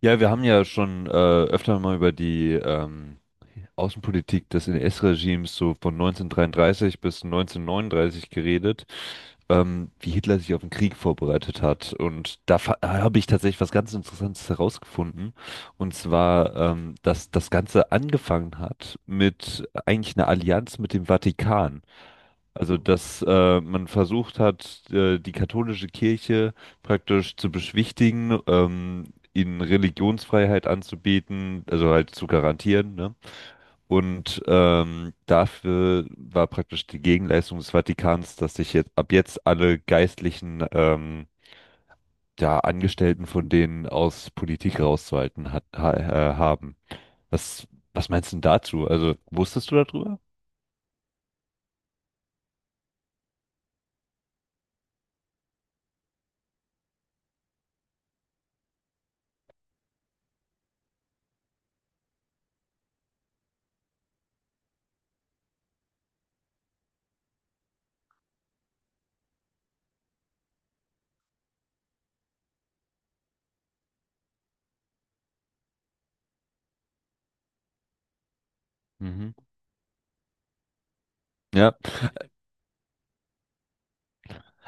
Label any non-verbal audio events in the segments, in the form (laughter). Ja, wir haben ja schon öfter mal über die Außenpolitik des NS-Regimes so von 1933 bis 1939 geredet, wie Hitler sich auf den Krieg vorbereitet hat. Und da habe ich tatsächlich was ganz Interessantes herausgefunden. Und zwar, dass das Ganze angefangen hat mit eigentlich einer Allianz mit dem Vatikan. Also, dass man versucht hat, die katholische Kirche praktisch zu beschwichtigen, ihnen Religionsfreiheit anzubieten, also halt zu garantieren, ne? Und dafür war praktisch die Gegenleistung des Vatikans, dass sich jetzt ab jetzt alle geistlichen ja, Angestellten von denen aus Politik rauszuhalten hat, ha haben. Was, was meinst du denn dazu? Also, wusstest du darüber? Mhm. Ja.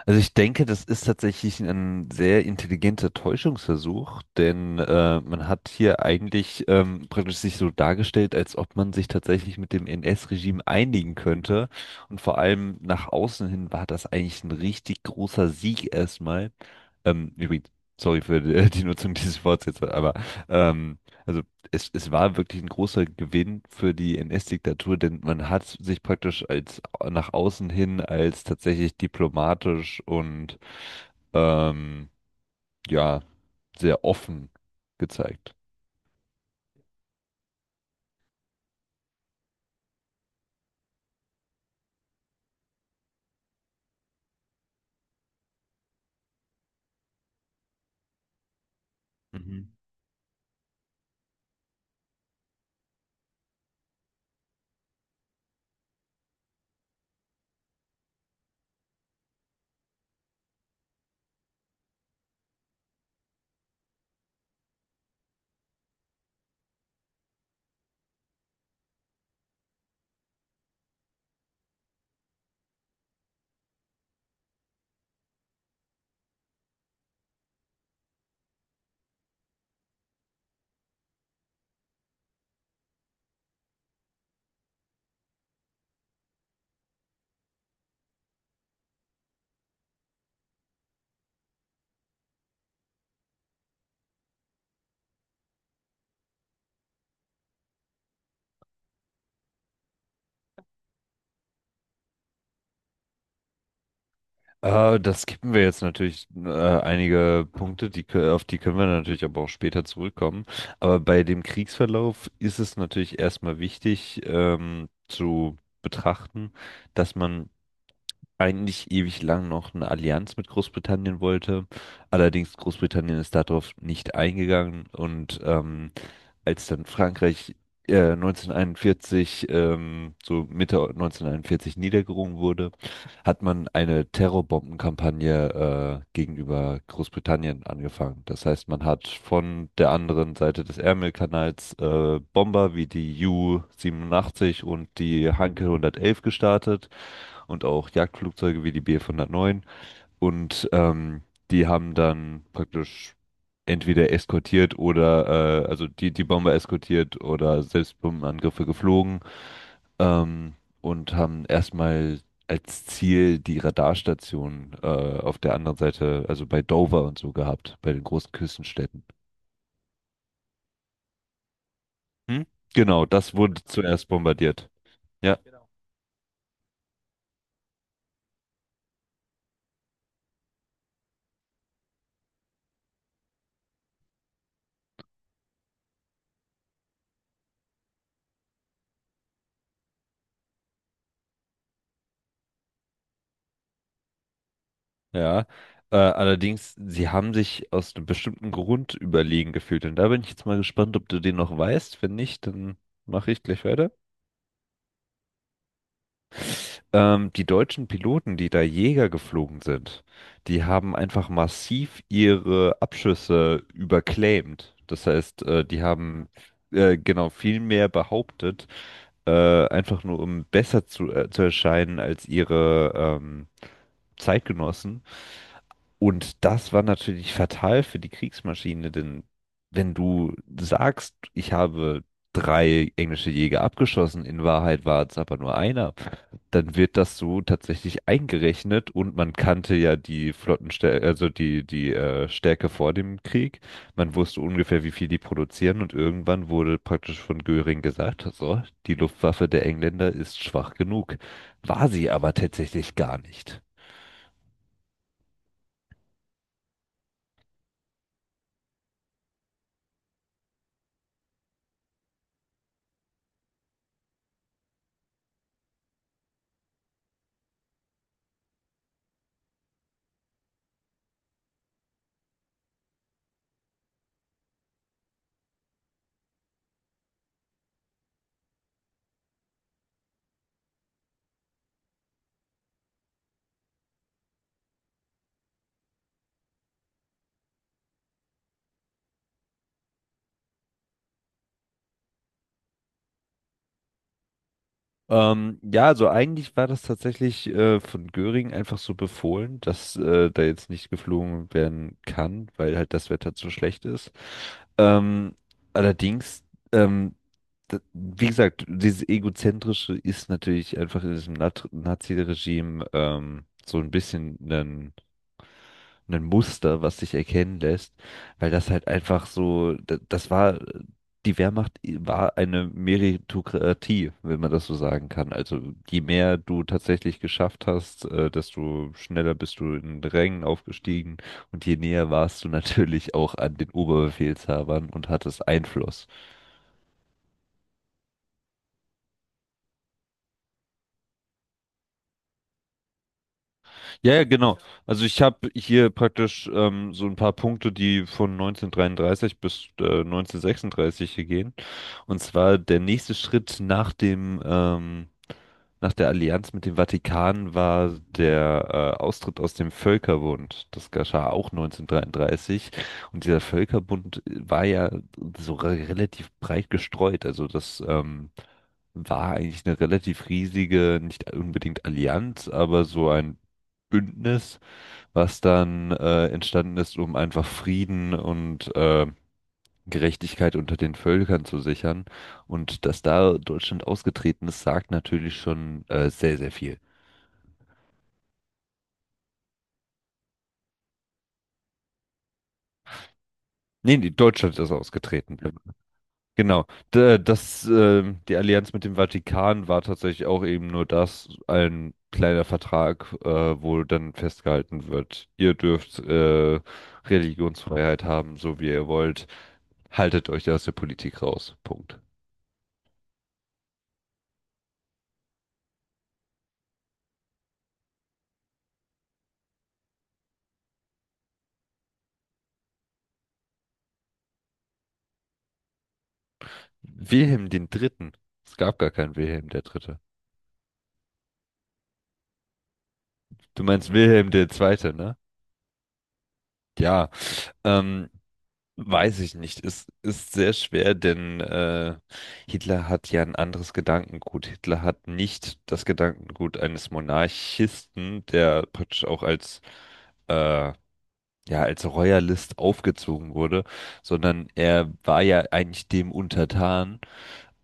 Also ich denke, das ist tatsächlich ein sehr intelligenter Täuschungsversuch, denn man hat hier eigentlich praktisch sich so dargestellt, als ob man sich tatsächlich mit dem NS-Regime einigen könnte. Und vor allem nach außen hin war das eigentlich ein richtig großer Sieg erstmal. Übrigens, sorry für die, (laughs) die Nutzung dieses Wortes jetzt, aber ähm, also es war wirklich ein großer Gewinn für die NS-Diktatur, denn man hat sich praktisch als nach außen hin als tatsächlich diplomatisch und ähm, ja sehr offen gezeigt. Mhm. Das skippen wir jetzt natürlich einige Punkte, auf die können wir natürlich aber auch später zurückkommen. Aber bei dem Kriegsverlauf ist es natürlich erstmal wichtig zu betrachten, dass man eigentlich ewig lang noch eine Allianz mit Großbritannien wollte. Allerdings Großbritannien ist darauf nicht eingegangen und als dann Frankreich 1941, so Mitte 1941 niedergerungen wurde, hat man eine Terrorbombenkampagne gegenüber Großbritannien angefangen. Das heißt, man hat von der anderen Seite des Ärmelkanals Bomber wie die U-87 und die Hanke 111 gestartet und auch Jagdflugzeuge wie die Bf 109. Und die haben dann praktisch entweder eskortiert oder, also die Bomber eskortiert oder selbst Bombenangriffe geflogen, ähm, und haben erstmal als Ziel die Radarstation auf der anderen Seite, also bei Dover und so gehabt, bei den großen Küstenstädten. Hm? Genau, das wurde zuerst bombardiert. Ja. Ja, allerdings, sie haben sich aus einem bestimmten Grund überlegen gefühlt. Und da bin ich jetzt mal gespannt, ob du den noch weißt. Wenn nicht, dann mache ich gleich weiter. Die deutschen Piloten, die da Jäger geflogen sind, die haben einfach massiv ihre Abschüsse überclaimed. Das heißt, die haben genau viel mehr behauptet, einfach nur um besser zu erscheinen als ihre Zeitgenossen. Und das war natürlich fatal für die Kriegsmaschine, denn wenn du sagst, ich habe drei englische Jäger abgeschossen, in Wahrheit war es aber nur einer. Dann wird das so tatsächlich eingerechnet und man kannte ja die Flottenstärke, also die, die Stärke vor dem Krieg. Man wusste ungefähr, wie viel die produzieren, und irgendwann wurde praktisch von Göring gesagt, so, die Luftwaffe der Engländer ist schwach genug. War sie aber tatsächlich gar nicht. Ja, also eigentlich war das tatsächlich von Göring einfach so befohlen, dass da jetzt nicht geflogen werden kann, weil halt das Wetter zu schlecht ist. Ähm, Allerdings, ähm, wie gesagt, dieses Egozentrische ist natürlich einfach in diesem Nazi-Regime so ein bisschen ein Muster, was sich erkennen lässt, weil das halt einfach so, das war, die Wehrmacht war eine Meritokratie, wenn man das so sagen kann. Also je mehr du tatsächlich geschafft hast, desto schneller bist du in den Rängen aufgestiegen und je näher warst du (laughs) natürlich auch an den Oberbefehlshabern und hattest Einfluss. Ja, ja, genau. Also ich habe hier praktisch so ein paar Punkte, die von 1933 bis 1936 hier gehen. Und zwar der nächste Schritt nach der Allianz mit dem Vatikan war der Austritt aus dem Völkerbund. Das geschah auch 1933. Und dieser Völkerbund war ja so relativ breit gestreut. Also das war eigentlich eine relativ riesige, nicht unbedingt Allianz, aber so ein Bündnis, was dann entstanden ist, um einfach Frieden und Gerechtigkeit unter den Völkern zu sichern. Und dass da Deutschland ausgetreten ist, sagt natürlich schon sehr, sehr viel. Nee, nee, Deutschland ist ausgetreten. Genau. Die Allianz mit dem Vatikan war tatsächlich auch eben nur das, ein kleiner Vertrag, wo dann festgehalten wird, ihr dürft Religionsfreiheit haben, so wie ihr wollt. Haltet euch aus der Politik raus. Punkt. Wilhelm den Dritten. Es gab gar keinen Wilhelm der Dritte. Du meinst Wilhelm der Zweite, ne? Ja, ähm, weiß ich nicht. Es ist sehr schwer, denn Hitler hat ja ein anderes Gedankengut. Hitler hat nicht das Gedankengut eines Monarchisten, der praktisch auch als äh, ja als Royalist aufgezogen wurde, sondern er war ja eigentlich dem untertan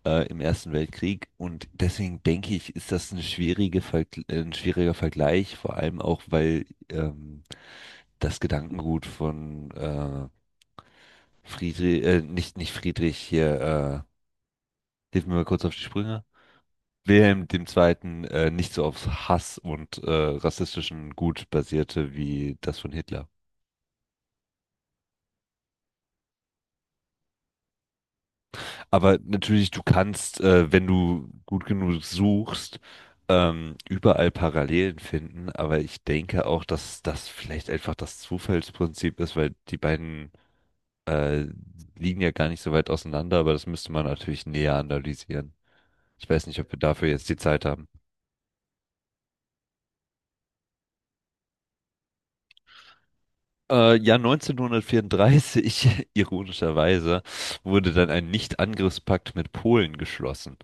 im Ersten Weltkrieg, und deswegen denke ich, ist das eine schwierige ein schwieriger Vergleich, vor allem auch, weil das Gedankengut von Friedrich, nicht, nicht Friedrich hier, hilf mir mal kurz auf die Sprünge. Wilhelm dem Zweiten, nicht so auf Hass und rassistischen Gut basierte wie das von Hitler. Aber natürlich, du kannst, wenn du gut genug suchst, überall Parallelen finden. Aber ich denke auch, dass das vielleicht einfach das Zufallsprinzip ist, weil die beiden äh, liegen ja gar nicht so weit auseinander. Aber das müsste man natürlich näher analysieren. Ich weiß nicht, ob wir dafür jetzt die Zeit haben. Ja, 1934, (laughs) ironischerweise, wurde dann ein Nicht-Angriffspakt mit Polen geschlossen.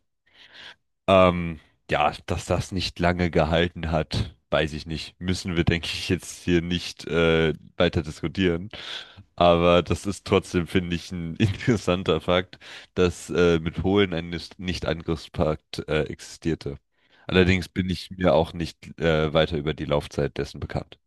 Ähm, ja, dass das nicht lange gehalten hat, weiß ich nicht. Müssen wir, denke ich, jetzt hier nicht weiter diskutieren. Aber das ist trotzdem, finde ich, ein (laughs) interessanter Fakt, dass mit Polen ein Nicht-Angriffspakt existierte. Allerdings bin ich mir auch nicht weiter über die Laufzeit dessen bekannt.